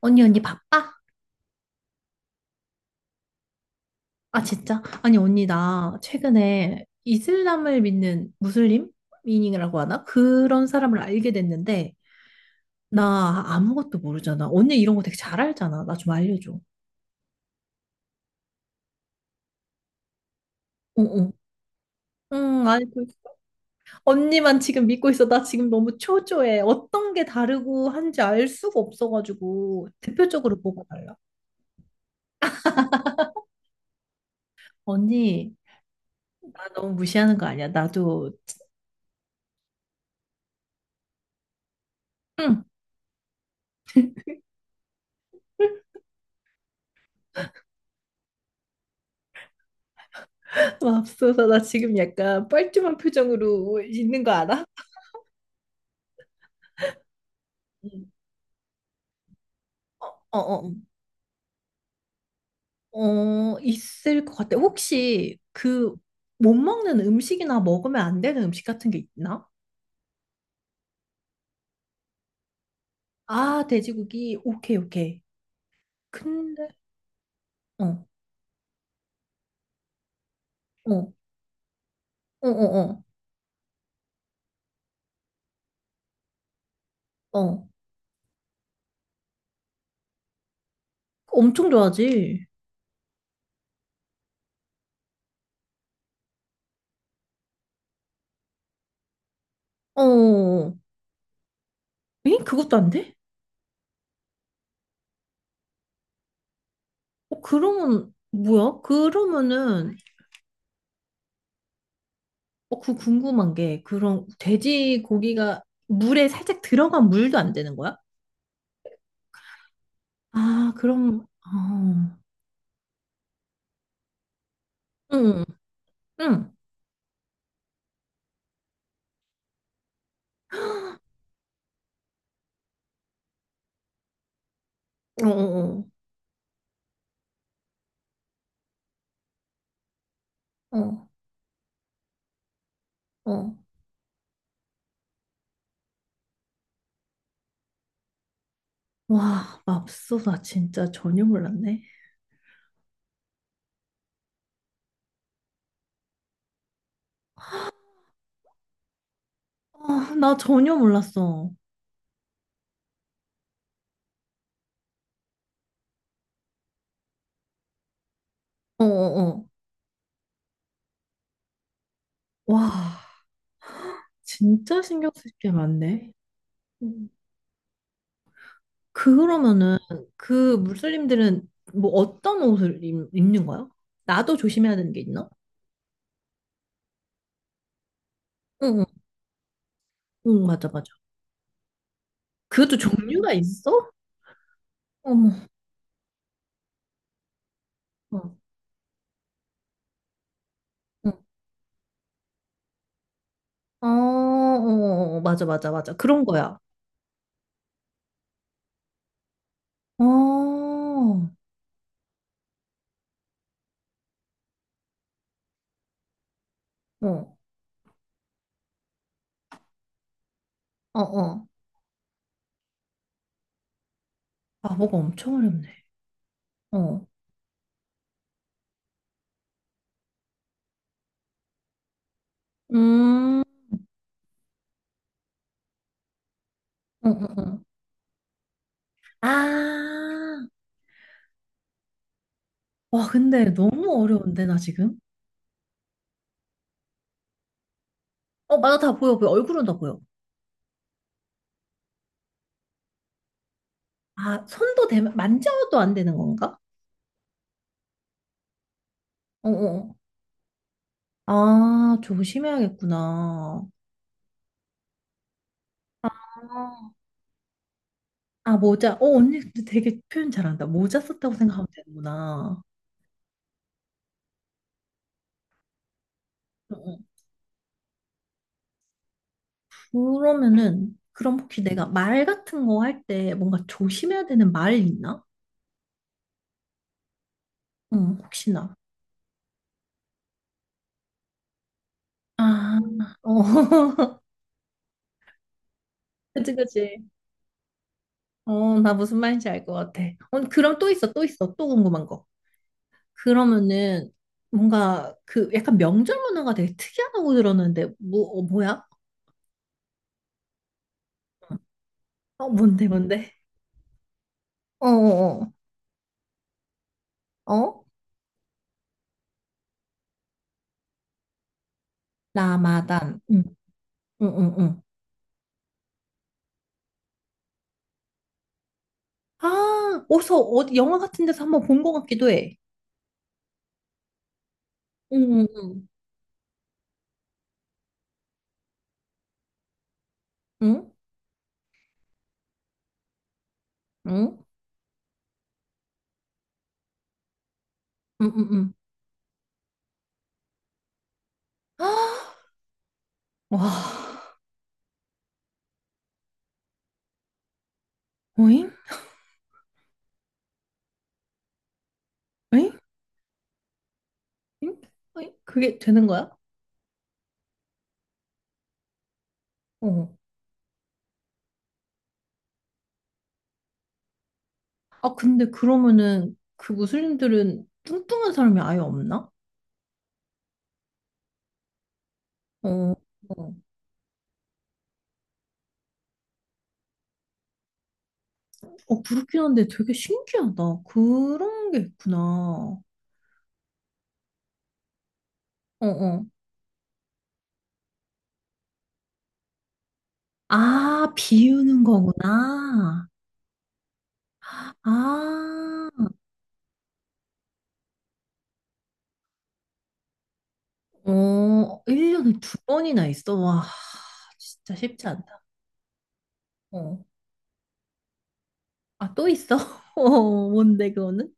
언니, 언니 바빠? 아, 진짜? 아니, 언니, 나 최근에 이슬람을 믿는 무슬림? 미닝이라고 하나? 그런 사람을 알게 됐는데, 나 아무것도 모르잖아. 언니 이런 거 되게 잘 알잖아. 나 좀 알려줘. 응, 응. 응, 알고 있어. 언니만 지금 믿고 있어. 나 지금 너무 초조해. 어떤 게 다르고 한지 알 수가 없어가지고, 대표적으로 뭐가 달라? 언니, 나 너무 무시하는 거 아니야? 나도, 응. 맙소사, 나 지금 약간 뻘쭘한 표정으로 있는 거 알아? 음. 어, 어, 어, 있을 것 같아. 혹시 그 못 먹는 음식이나 먹으면 안 되는 음식 같은 게 있나? 아, 돼지고기. 오케이, 오케이. 근데, 어, 어, 어, 어, 어. 엄청 좋아하지? 어, 어. 에? 그것도 안 돼? 어, 그러면, 뭐야? 그러면은, 어, 그 궁금한 게, 그런 돼지고기가 물에 살짝 들어간 물도 안 되는 거야? 아, 그럼, 응, 응, 응. 어, 어, 어. 어, 어. 와, 맙소사 진짜 전혀 몰랐네. 아, 나 전혀 몰랐어. 어, 어, 어. 와, 진짜 신경 쓸 게 많네. 음. 그러면은 그 무슬림들은 뭐 어떤 옷을 입는 거야? 나도 조심해야 되는 게 있나? 응, 응, 응, 맞아, 맞아. 그것도 종류가 있어? 어머, 어, 응. 아, 맞아, 맞아, 맞아. 그런 거야. 어, 어, 어, 어. 아, 뭐가 엄청 어렵네. 어. 음, 어, 어, 어. 아, 와, 근데 너무 어려운데, 나 지금? 어, 맞아, 다 보여, 보여. 얼굴은 다 보여. 아, 손도 대, 만져도 안 되는 건가? 어, 어. 어. 아, 조심해야겠구나. 아, 아, 모자. 어, 언니 근데 되게 표현 잘한다. 모자 썼다고 생각하면 되는구나. 어, 어. 그러면은, 그럼 혹시 내가 말 같은 거 할 때 뭔가 조심해야 되는 말이 있나? 응, 혹시나. 아, 어. 그치, 그치. 어, 나 무슨 말인지 알 것 같아. 어, 그럼 또 있어, 또 있어, 또 궁금한 거. 그러면은 뭔가 그 약간 명절 문화가 되게 특이하다고 들었는데, 뭐, 어, 뭐야? 어, 뭔데, 뭔데? 어, 어, 어. 어? 라마단. 응, 응, 응, 응. 아, 어디서, 어디, 영화 같은 데서 한번 본 것 같기도 해. 응, 응, 응. 응? 응, 응, 응. 응. 아, 와. 어잉? 어잉? 어잉? 어잉? 그게 되는 거야? 어. 아, 근데 그러면은 그 무슬림들은 뚱뚱한 사람이 아예 없나? 어, 어, 그렇긴 한데 되게 신기하다. 그런 게 있구나. 어, 어. 아, 비우는 거구나. 아, 어, 1년에 두 번이나 있어. 와, 진짜 쉽지 않다. 어. 아, 또 있어? 어, 뭔데, 그거는?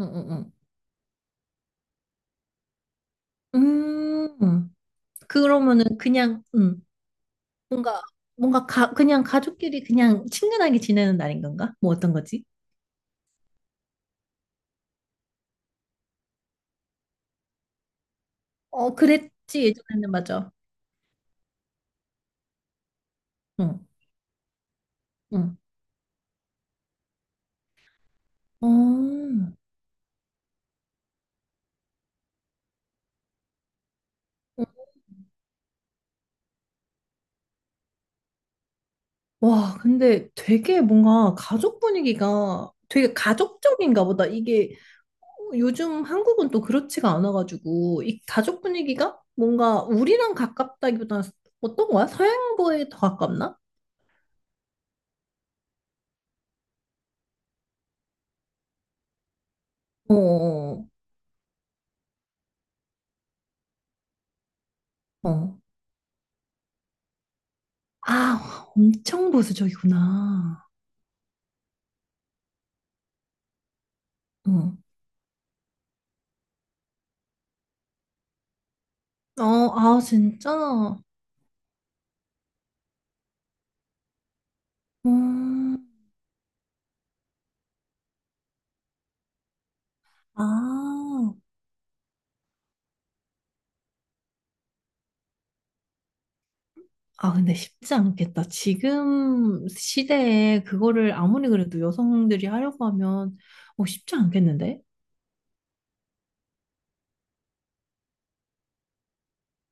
응, 응, 응. 그러면은 그냥, 뭔가 그냥 가족끼리 그냥 친근하게 지내는 날인 건가? 뭐 어떤 거지? 어, 그랬지 예전에는 맞아. 응, 응. 어. 와, 근데 되게 뭔가 가족 분위기가 되게 가족적인가 보다. 이게 요즘 한국은 또 그렇지가 않아가지고 이 가족 분위기가 뭔가 우리랑 가깝다기보다는 어떤 거야? 서양부에 더 가깝나? 어, 어. 어. 아, 엄청 보수적이구나. 어. 어, 아, 진짜? 어, 아, 아, 근데 쉽지 않겠다. 지금 시대에 그거를 아무리 그래도 여성들이 하려고 하면, 어, 쉽지 않겠는데?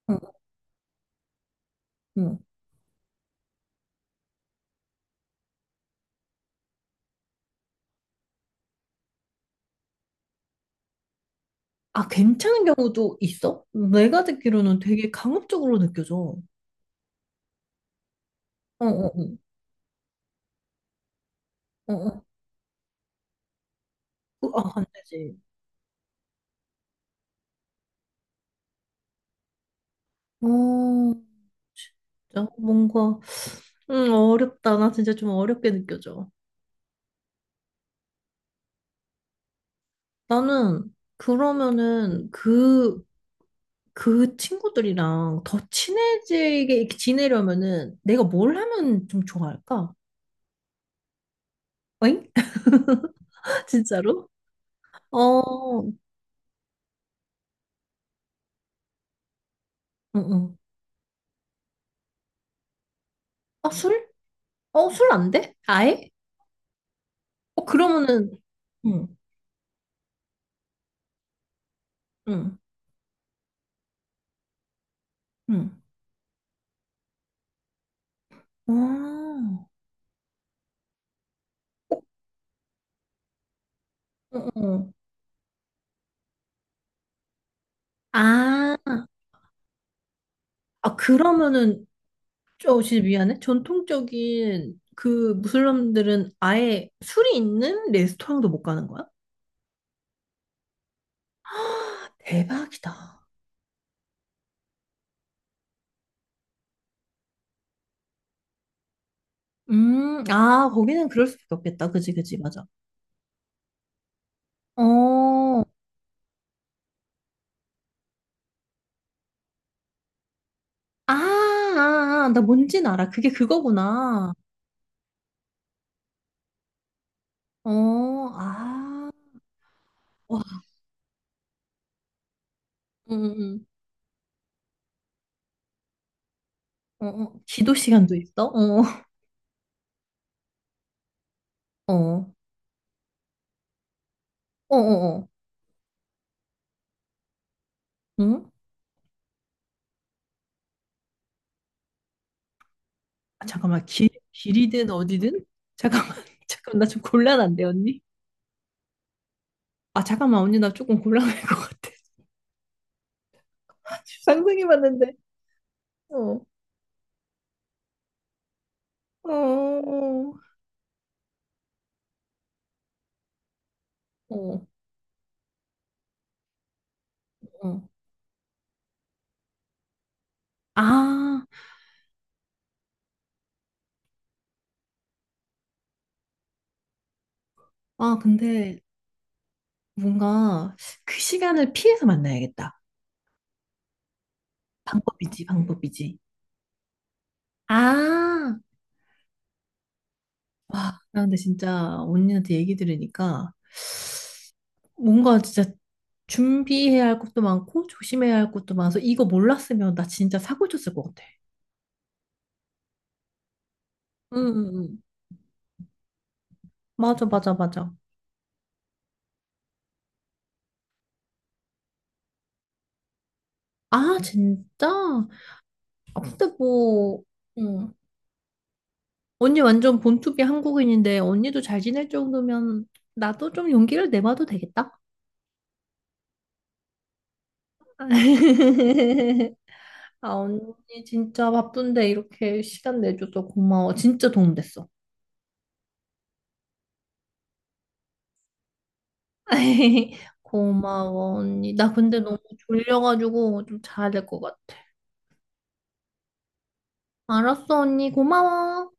어, 어. 아, 괜찮은 경우도 있어? 내가 듣기로는 되게 강압적으로 느껴져. 어, 어, 어, 어, 어. 아, 안 되지. 어, 진짜 뭔가, 어렵다. 나 진짜 좀 어렵게 느껴져. 나는, 그러면은, 그, 그 친구들이랑 더 친해지게 이렇게 지내려면은 내가 뭘 하면 좀 좋아할까? 어잉? 진짜로? 어, 응, 응. 아, 술? 어, 술 안 돼? 아예? 어, 그러면은, 응, 응, 응. 아, 어, 어. 아, 아, 그러면은, 저 진짜 미안해. 전통적인 그 무슬림들은 아예 술이 있는 레스토랑도 못 가는 거야? 대박이다. 아, 거기는 그럴 수밖에 없겠다. 그지, 그지, 맞아. 어, 아, 아, 아, 아. 나 뭔진 알아. 그게 그거구나. 어, 아, 와, 응, 응, 응. 어, 어, 기도 시간도 있어? 어, 어, 어, 어, 응? 아, 잠깐만, 길이든 어디든? 잠깐만, 잠깐만, 나 좀 곤란한데, 언니? 아, 잠깐만, 언니, 나 조금 곤란할 것 같아. 상상해 봤는데, 어, 어, 어, 어. 어. 아, 아, 근데 뭔가 그 시간을 피해서 만나야겠다. 방법이지, 방법이지. 아, 와, 나 근데 진짜 언니한테 얘기 들으니까 뭔가 진짜 준비해야 할 것도 많고 조심해야 할 것도 많아서 이거 몰랐으면 나 진짜 사고 쳤을 것 같아. 응, 응, 응. 맞아, 맞아, 맞아. 아, 진짜? 아, 근데 뭐, 응. 언니 완전 본투비 한국인인데 언니도 잘 지낼 정도면 나도 좀 용기를 내봐도 되겠다? 아, 언니 진짜 바쁜데 이렇게 시간 내줘서 고마워. 진짜 도움 됐어. 고마워, 언니. 나 근데 너무 졸려가지고 좀 자야 될 것 같아. 알았어, 언니. 고마워.